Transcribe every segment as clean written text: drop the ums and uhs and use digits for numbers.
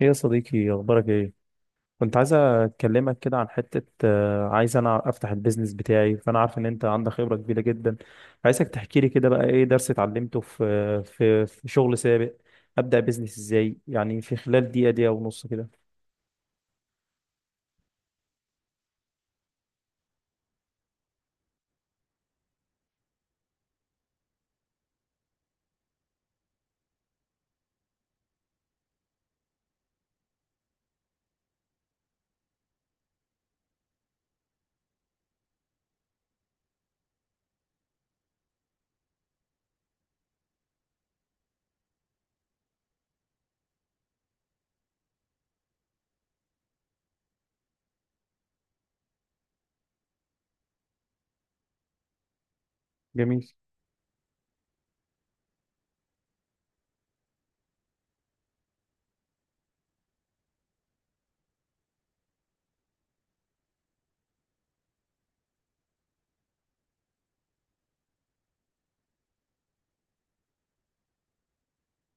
ايه يا صديقي، اخبارك ايه؟ كنت عايز اكلمك كده عن حته، عايز انا افتح البيزنس بتاعي. فانا عارف ان انت عندك خبره كبيره جدا. عايزك تحكي لي كده بقى، ايه درس اتعلمته في شغل سابق؟ ابدا بيزنس ازاي، يعني في خلال دقيقه، دقيقه ونص كده. جميل.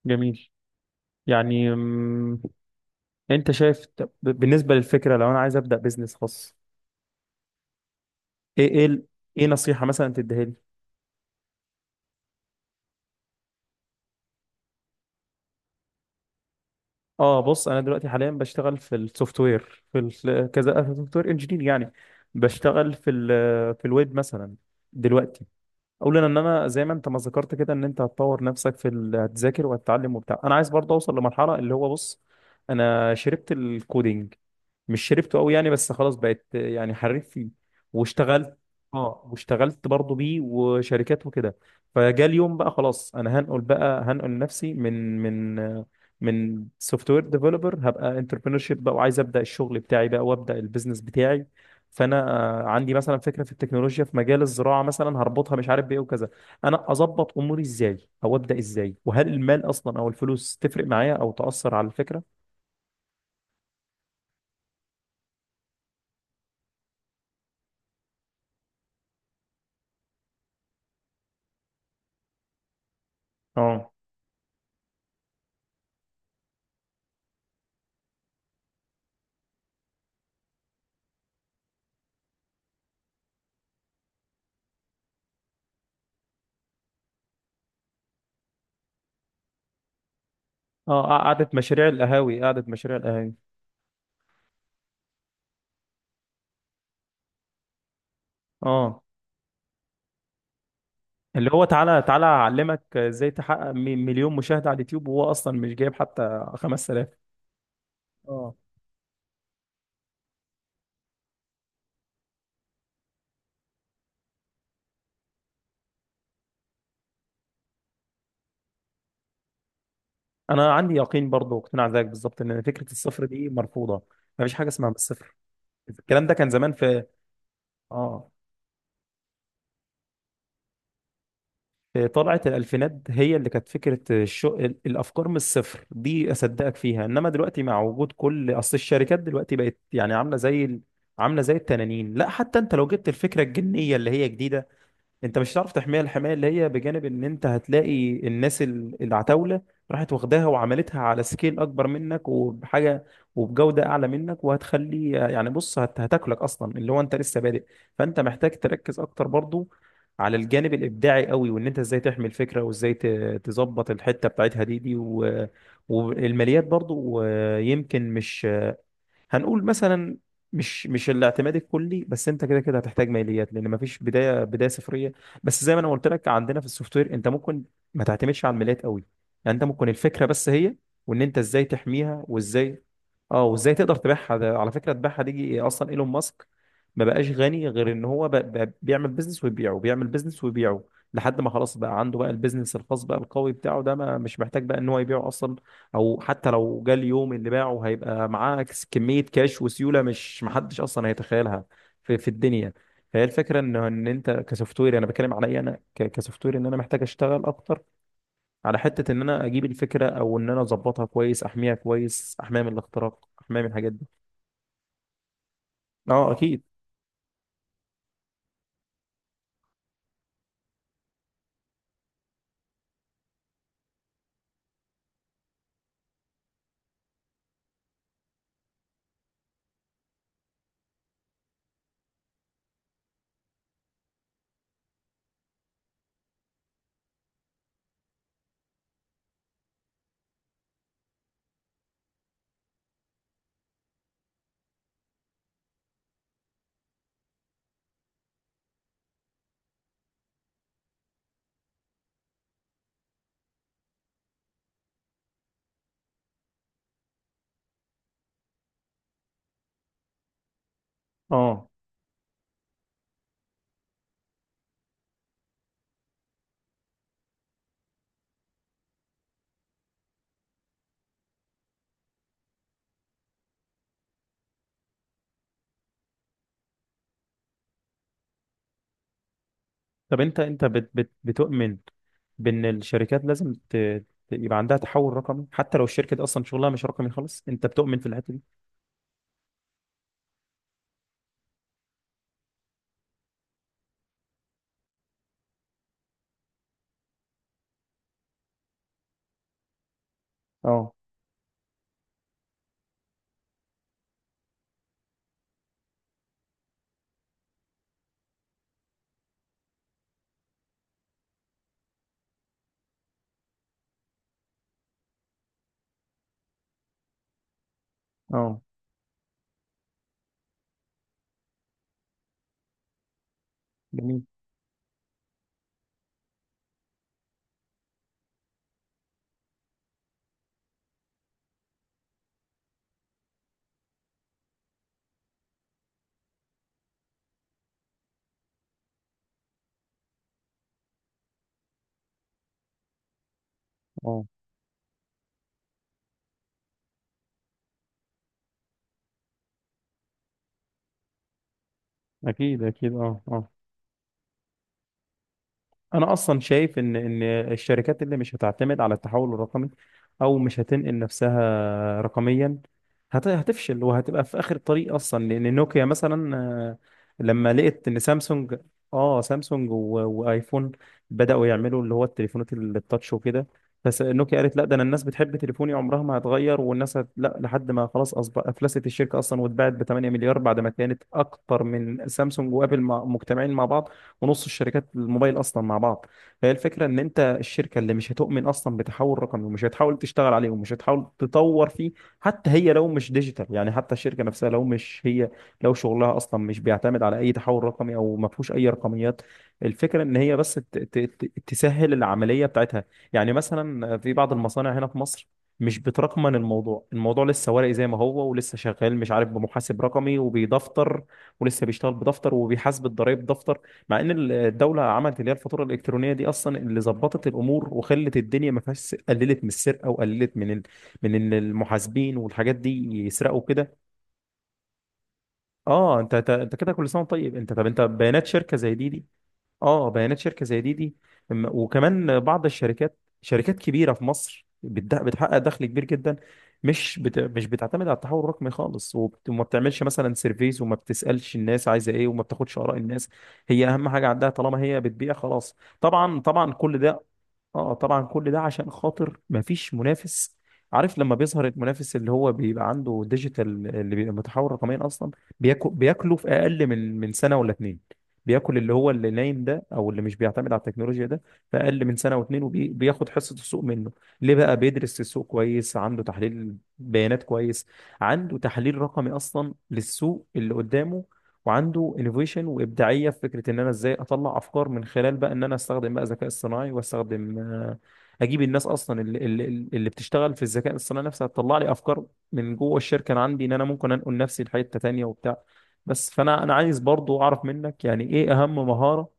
جميل. يعني، انت شايف، طب بالنسبه للفكره لو انا عايز ابدا بيزنس خاص؟ ايه ايه ال- ايه نصيحه مثلا تديها لي؟ اه، بص، انا دلوقتي حاليا بشتغل في السوفت وير، كذا سوفت وير انجينير يعني. بشتغل في الويب مثلا دلوقتي. اولا ان انا زي ما انت ما ذكرت كده، ان انت هتطور نفسك هتذاكر وهتتعلم وبتاع. انا عايز برضه اوصل لمرحله اللي هو، بص، انا شربت الكودينج، مش شربته قوي يعني، بس خلاص بقيت يعني حريف فيه. واشتغلت. اه، واشتغلت برضه بيه وشركات وكده. فجاء اليوم بقى خلاص، انا هنقل بقى، هنقل نفسي من سوفت وير ديفلوبر، هبقى انتربرينور شيب بقى، وعايز ابدا الشغل بتاعي بقى وابدا البيزنس بتاعي. فانا، عندي مثلا فكره في التكنولوجيا في مجال الزراعه، مثلا هربطها مش عارف بايه وكذا. انا اظبط اموري ازاي، او ابدا ازاي، وهل المال اصلا او الفلوس تفرق معايا او تاثر على الفكره؟ اه. اه، قعدة مشاريع القهاوي، قعدة مشاريع القهاوي! اه، اللي هو تعالى تعالى اعلمك ازاي تحقق مليون مشاهدة على اليوتيوب، وهو اصلا مش جايب حتى 5000. اه، انا عندي يقين برضه واقتناع زيك بالظبط، ان فكرة الصفر دي مرفوضة. مفيش حاجة اسمها بالصفر. الكلام ده كان زمان اه في طلعة الالفينات هي اللي كانت فكرة الافكار من الصفر دي، اصدقك فيها. انما دلوقتي مع وجود كل، اصل الشركات دلوقتي بقت يعني عاملة زي التنانين. لا، حتى انت لو جبت الفكرة الجنية اللي هي جديدة، انت مش هتعرف تحميها الحمايه اللي هي، بجانب ان انت هتلاقي الناس العتاوله راحت واخداها وعملتها على سكيل اكبر منك، وبحاجه وبجوده اعلى منك، وهتخلي يعني، بص، هتاكلك اصلا اللي هو انت لسه بادئ. فانت محتاج تركز اكتر برضو على الجانب الابداعي قوي، وان انت ازاي تحمي الفكره، وازاي تظبط الحته بتاعتها دي والماليات برضو. يمكن مش هنقول مثلا، مش الاعتماد الكلي، بس انت كده كده هتحتاج ماليات، لان مفيش بدايه، بدايه صفريه. بس زي ما انا قلت لك، عندنا في السوفت وير انت ممكن ما تعتمدش على الماليات قوي. يعني انت ممكن الفكره بس هي، وان انت ازاي تحميها، وازاي، اه، وازاي تقدر تبيعها. ده على فكره، تبيعها دي اصلا ايلون ماسك ما بقاش غني غير ان هو بقى بيعمل بيزنس ويبيعه، بيعمل بيزنس ويبيعه، لحد ما خلاص بقى عنده بقى البيزنس الخاص بقى القوي بتاعه ده، ما مش محتاج بقى ان هو يبيعه اصلا. او حتى لو جه اليوم اللي باعه، هيبقى معاه كمية كاش وسيولة مش محدش اصلا هيتخيلها في الدنيا. فهي الفكرة، ان انت كسوفت وير، انا بتكلم عليا انا، كسوفت وير، ان انا محتاج اشتغل اكتر على حتة ان انا اجيب الفكرة، او ان انا اظبطها كويس، احميها كويس، احميها من الاختراق، احميها من الحاجات دي. اه، اكيد. اه، طب انت، انت بت بت بتؤمن بان الشركات لازم، يبقى عندها تحول رقمي، حتى لو الشركة دي اصلا شغلها مش رقمي خالص، انت بتؤمن في الحتة دي؟ اه، اه. جميل. اه، اكيد، اكيد، اه، اه. انا اصلا شايف ان الشركات اللي مش هتعتمد على التحول الرقمي، او مش هتنقل نفسها رقميا، هتفشل وهتبقى في اخر الطريق اصلا، لان نوكيا مثلا، لما لقيت ان سامسونج، اه سامسونج وايفون بداوا يعملوا اللي هو التليفونات التاتش وكده، بس نوكيا قالت لا، ده انا الناس بتحب تليفوني عمرها ما هتغير، والناس لا، لحد ما خلاص اصبح افلست الشركه اصلا، واتباعت ب 8 مليار، بعد ما كانت اكتر من سامسونج وابل مجتمعين مع بعض، ونص الشركات الموبايل اصلا مع بعض. فهي الفكره، ان انت الشركه اللي مش هتؤمن اصلا بتحول رقمي، ومش هتحاول تشتغل عليه، ومش هتحاول تطور فيه، حتى هي لو مش ديجيتال، يعني حتى الشركه نفسها، لو مش هي، لو شغلها اصلا مش بيعتمد على اي تحول رقمي، او ما فيهوش اي رقميات، الفكره ان هي بس تسهل العمليه بتاعتها. يعني مثلا في بعض المصانع هنا في مصر، مش بترقمن الموضوع. الموضوع لسه ورقي زي ما هو، ولسه شغال مش عارف، بمحاسب رقمي وبيدفتر، ولسه بيشتغل بدفتر، وبيحاسب الضرايب دفتر. مع ان الدوله عملت اللي هي الفاتوره الالكترونيه دي اصلا، اللي ظبطت الامور، وخلت الدنيا ما فيهاش، قللت من السرقه، وقللت من من ان المحاسبين والحاجات دي يسرقوا كده. اه، انت كده كل سنه وأنت طيب. انت طب انت، بيانات شركه زي دي. اه، بيانات شركه زي دي. وكمان بعض الشركات، شركات كبيره في مصر، بتحقق دخل كبير جدا، مش بتعتمد على التحول الرقمي خالص، وما بتعملش مثلا سيرفيز، وما بتسالش الناس عايزه ايه، وما بتاخدش اراء الناس. هي اهم حاجه عندها طالما هي بتبيع خلاص. طبعا، طبعا، كل ده. اه، طبعا، كل ده عشان خاطر مفيش منافس. عارف لما بيظهر المنافس اللي هو بيبقى عنده ديجيتال، اللي بيبقى متحول رقميا اصلا، بياكله في اقل من سنه ولا اتنين، بياكل اللي هو اللي نايم ده، او اللي مش بيعتمد على التكنولوجيا ده، في اقل من سنه واتنين، وبياخد حصه السوق منه. ليه بقى؟ بيدرس السوق كويس، عنده تحليل بيانات كويس، عنده تحليل رقمي اصلا للسوق اللي قدامه، وعنده انوفيشن وابداعيه في فكره ان انا ازاي اطلع افكار، من خلال بقى ان انا استخدم بقى ذكاء اصطناعي، واستخدم، اجيب الناس اصلا اللي بتشتغل في الذكاء الاصطناعي نفسها، تطلع لي افكار من جوه الشركه. انا عندي ان انا ممكن انقل نفسي لحته تانيه وبتاع. بس فانا عايز برضو اعرف منك، يعني ايه اهم مهاره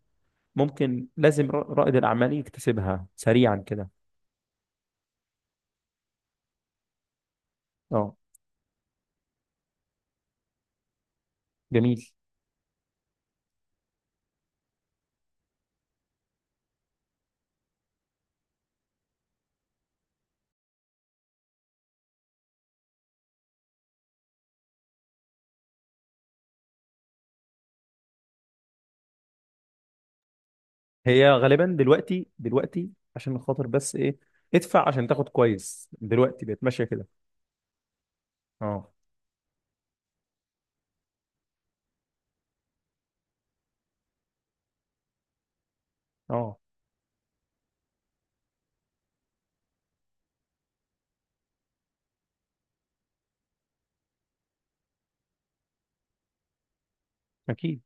ممكن، لازم رائد الاعمال يكتسبها سريعا كده؟ اه. جميل. هي غالبا دلوقتي، دلوقتي عشان خاطر بس ايه، ادفع عشان تاخد كويس، دلوقتي بقت ماشيه كده. اه، اه، اكيد.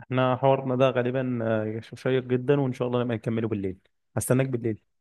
احنا حوارنا ده غالبا، شيق جدا، وان شاء الله نبقى نكمله بالليل. هستناك بالليل.